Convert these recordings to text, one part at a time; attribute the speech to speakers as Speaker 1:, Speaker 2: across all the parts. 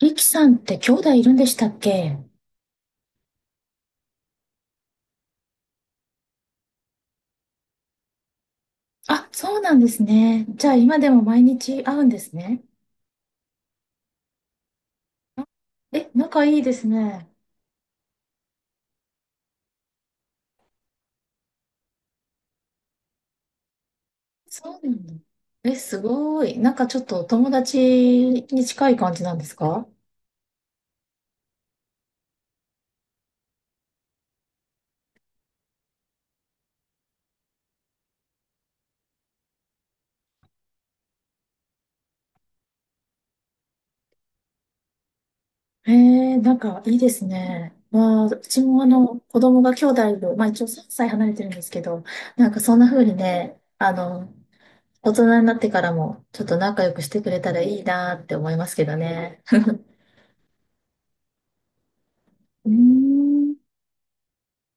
Speaker 1: リキさんって兄弟いるんでしたっけ？あ、そうなんですね。じゃあ今でも毎日会うんですね。あ。え、仲いいですね。そうなんだ。え、すごい。なんかちょっとお友達に近い感じなんですか？えなんかいいですね。まあ、うちも子供が兄弟で、まあ一応3歳離れてるんですけど、なんかそんな風にね、大人になってからもちょっと仲良くしてくれたらいいなって思いますけどね。うーん。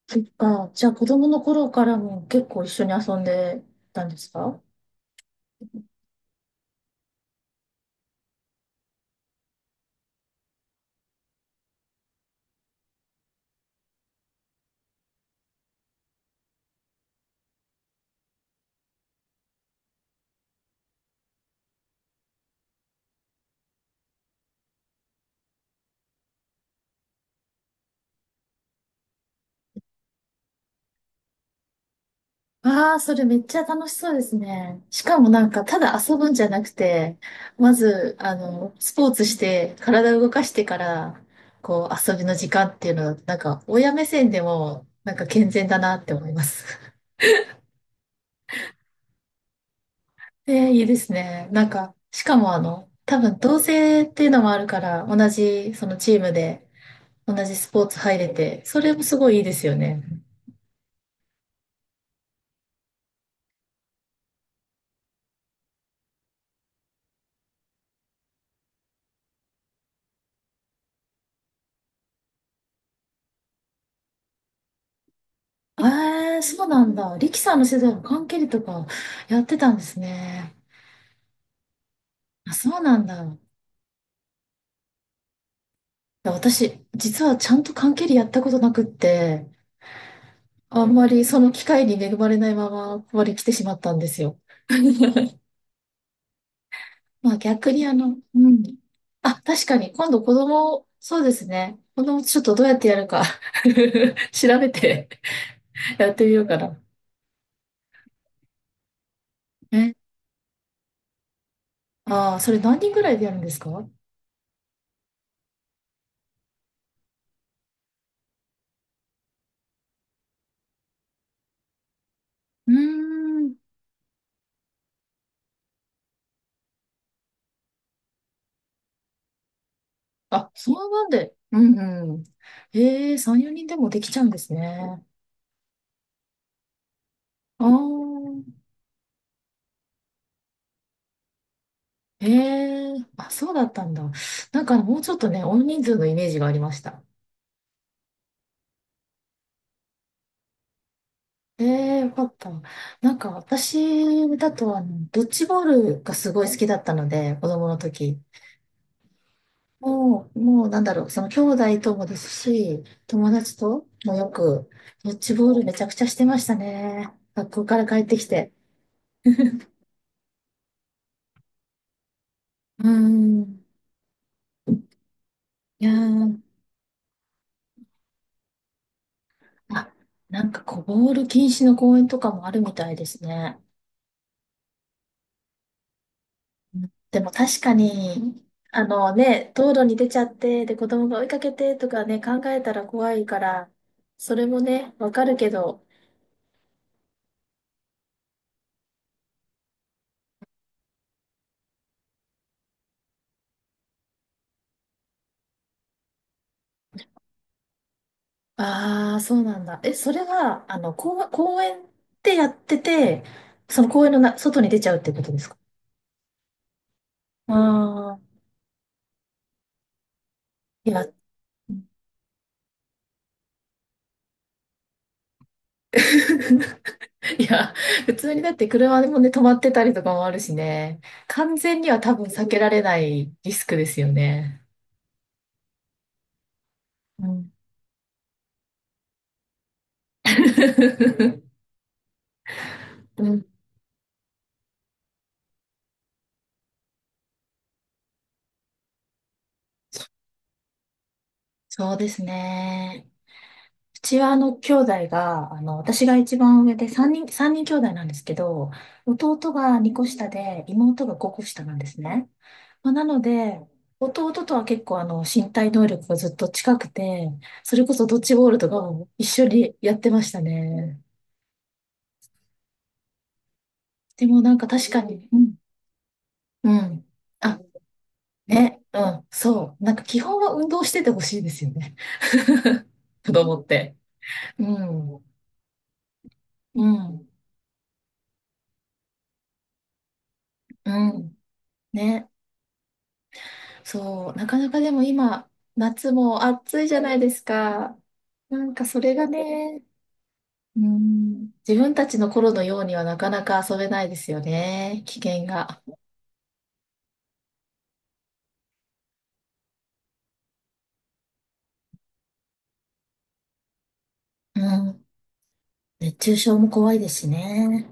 Speaker 1: そっか。じゃあ子供の頃からも結構一緒に遊んでたんですか？ああ、それめっちゃ楽しそうですね。しかもなんか、ただ遊ぶんじゃなくて、まず、スポーツして、体を動かしてから、遊びの時間っていうのだと、なんか、親目線でも、なんか健全だなって思います。ええ、いいですね。なんか、しかも多分同性っていうのもあるから、同じそのチームで、同じスポーツ入れて、それもすごいいいですよね。ええ、そうなんだ。リキさんの世代も缶蹴りとかやってたんですね？あ、そうなんだ。いや私、実はちゃんと缶蹴りやったことなくって、あんまりその機会に恵まれないままここに来てしまったんですよ。まあ逆にあの、うん。あ、確かに今度子供、そうですね。子供ちょっとどうやってやるか 調べてやってみようかな。え、ああ、それ何人ぐらいでやるんですか？うーん。あ、そのなんで。うんうん。ええ、3、4人でもできちゃうんですね。ああ、ええ、あ、そうだったんだ。なんかもうちょっとね、大人数のイメージがありました。ええ、よかった。なんか私だと、ドッジボールがすごい好きだったので、子供の時。もうなんだろう、その兄弟ともですし、友達ともよく、ドッジボールめちゃくちゃしてましたね。学校から帰ってきて。うーん。いやー、あ、なんかボール禁止の公園とかもあるみたいですね。うん、でも確かに、あのね、道路に出ちゃって、で、子供が追いかけてとかね、考えたら怖いから、それもね、わかるけど、ああ、そうなんだ。え、それは、公園でやってて、その公園のな、外に出ちゃうってことですか？ああー、いや、いや、普通にだって車でもね、止まってたりとかもあるしね、完全には多分避けられないリスクですよね。うん。うん、そうですね。うちはあの兄弟が、私が一番上で3人、三人兄弟なんですけど、弟が2個下で妹が5個下なんですね。まあ、なので、弟とは結構身体能力がずっと近くて、それこそドッジボールとかも一緒にやってましたね。でもなんか確かに、うん、うん。あ、ね、うん、そう。なんか基本は運動しててほしいですよね。子供って。うん、うん、うん。ね、そう。なかなかでも今、夏も暑いじゃないですか。なんかそれがね、うん、自分たちの頃のようにはなかなか遊べないいでですすよね。ね、危険が。うん、熱中症も怖いですしね。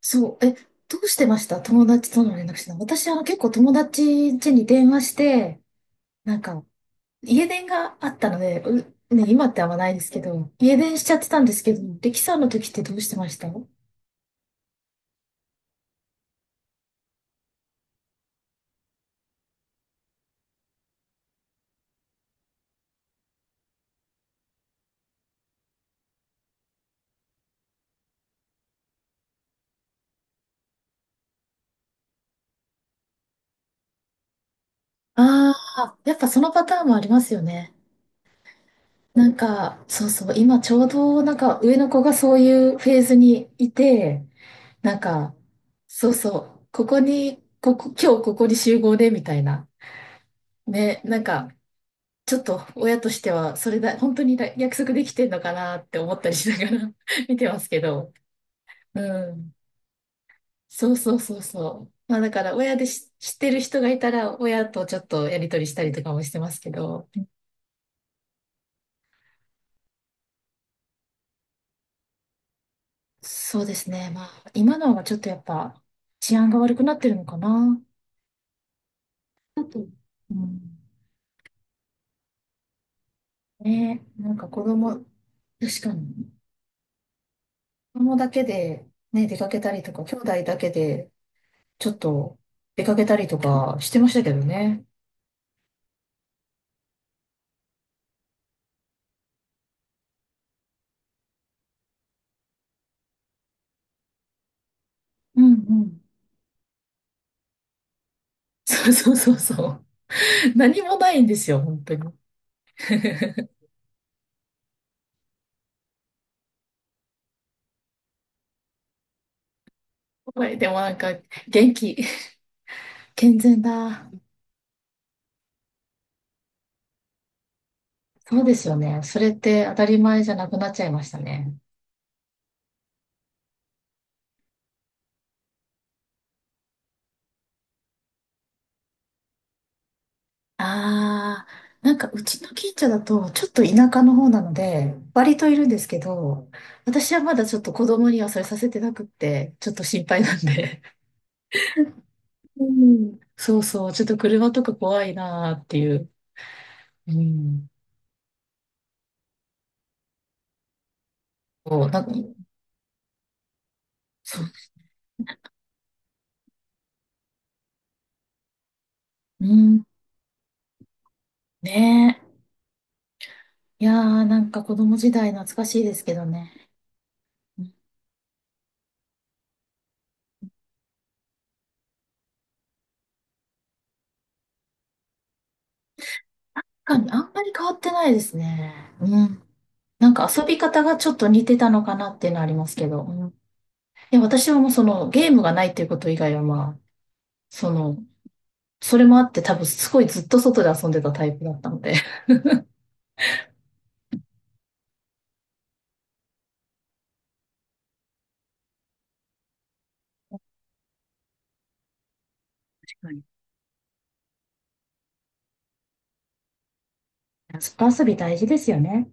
Speaker 1: そう、え、どうしてました、友達との連絡してた？私は結構友達家に電話して、なんか、家電があったので、ね、今ってあんまないですけど、家電しちゃってたんですけど、力さんの時ってどうしてました？ああー、やっぱそのパターンもありますよね。なんか、そうそう、今ちょうどなんか上の子がそういうフェーズにいて、なんか、そうそう、ここに、ここ、今日ここに集合でみたいな。ね、なんか、ちょっと親としては、それだ、本当にだ約束できてんのかなって思ったりしながら 見てますけど。うん。そうそうそうそう。まあだから親でし知ってる人がいたら、親とちょっとやりとりしたりとかもしてますけど。そうですね。まあ今のはちょっとやっぱ治安が悪くなってるのかな。だと、うん。ね、なんか子供、確かに。子供だけでね、出かけたりとか、兄弟だけでちょっと出かけたりとかしてましたけどね。うんうん。そうそうそうそう。何もないんですよ、本当に。はい、でもなんか、元気、健全だ。そうですよね。それって当たり前じゃなくなっちゃいましたね。ああ、なんかうちの近所だと、ちょっと田舎の方なので、割といるんですけど、私はまだちょっと子供にはそれさせてなくって、ちょっと心配なんで。うん。そうそう、ちょっと車とか怖いなーっていう。うん。そう、なんか、そう、うん。ねえ。いやー、なんか子供時代懐かしいですけどね。なんかあんまり変わってないですね。うん。なんか遊び方がちょっと似てたのかなっていうのはありますけど。うん。いや、私はもうそのゲームがないっていうこと以外はまあ、その、それもあって多分すごいずっと外で遊んでたタイプだったので。はい。外遊び大事ですよね。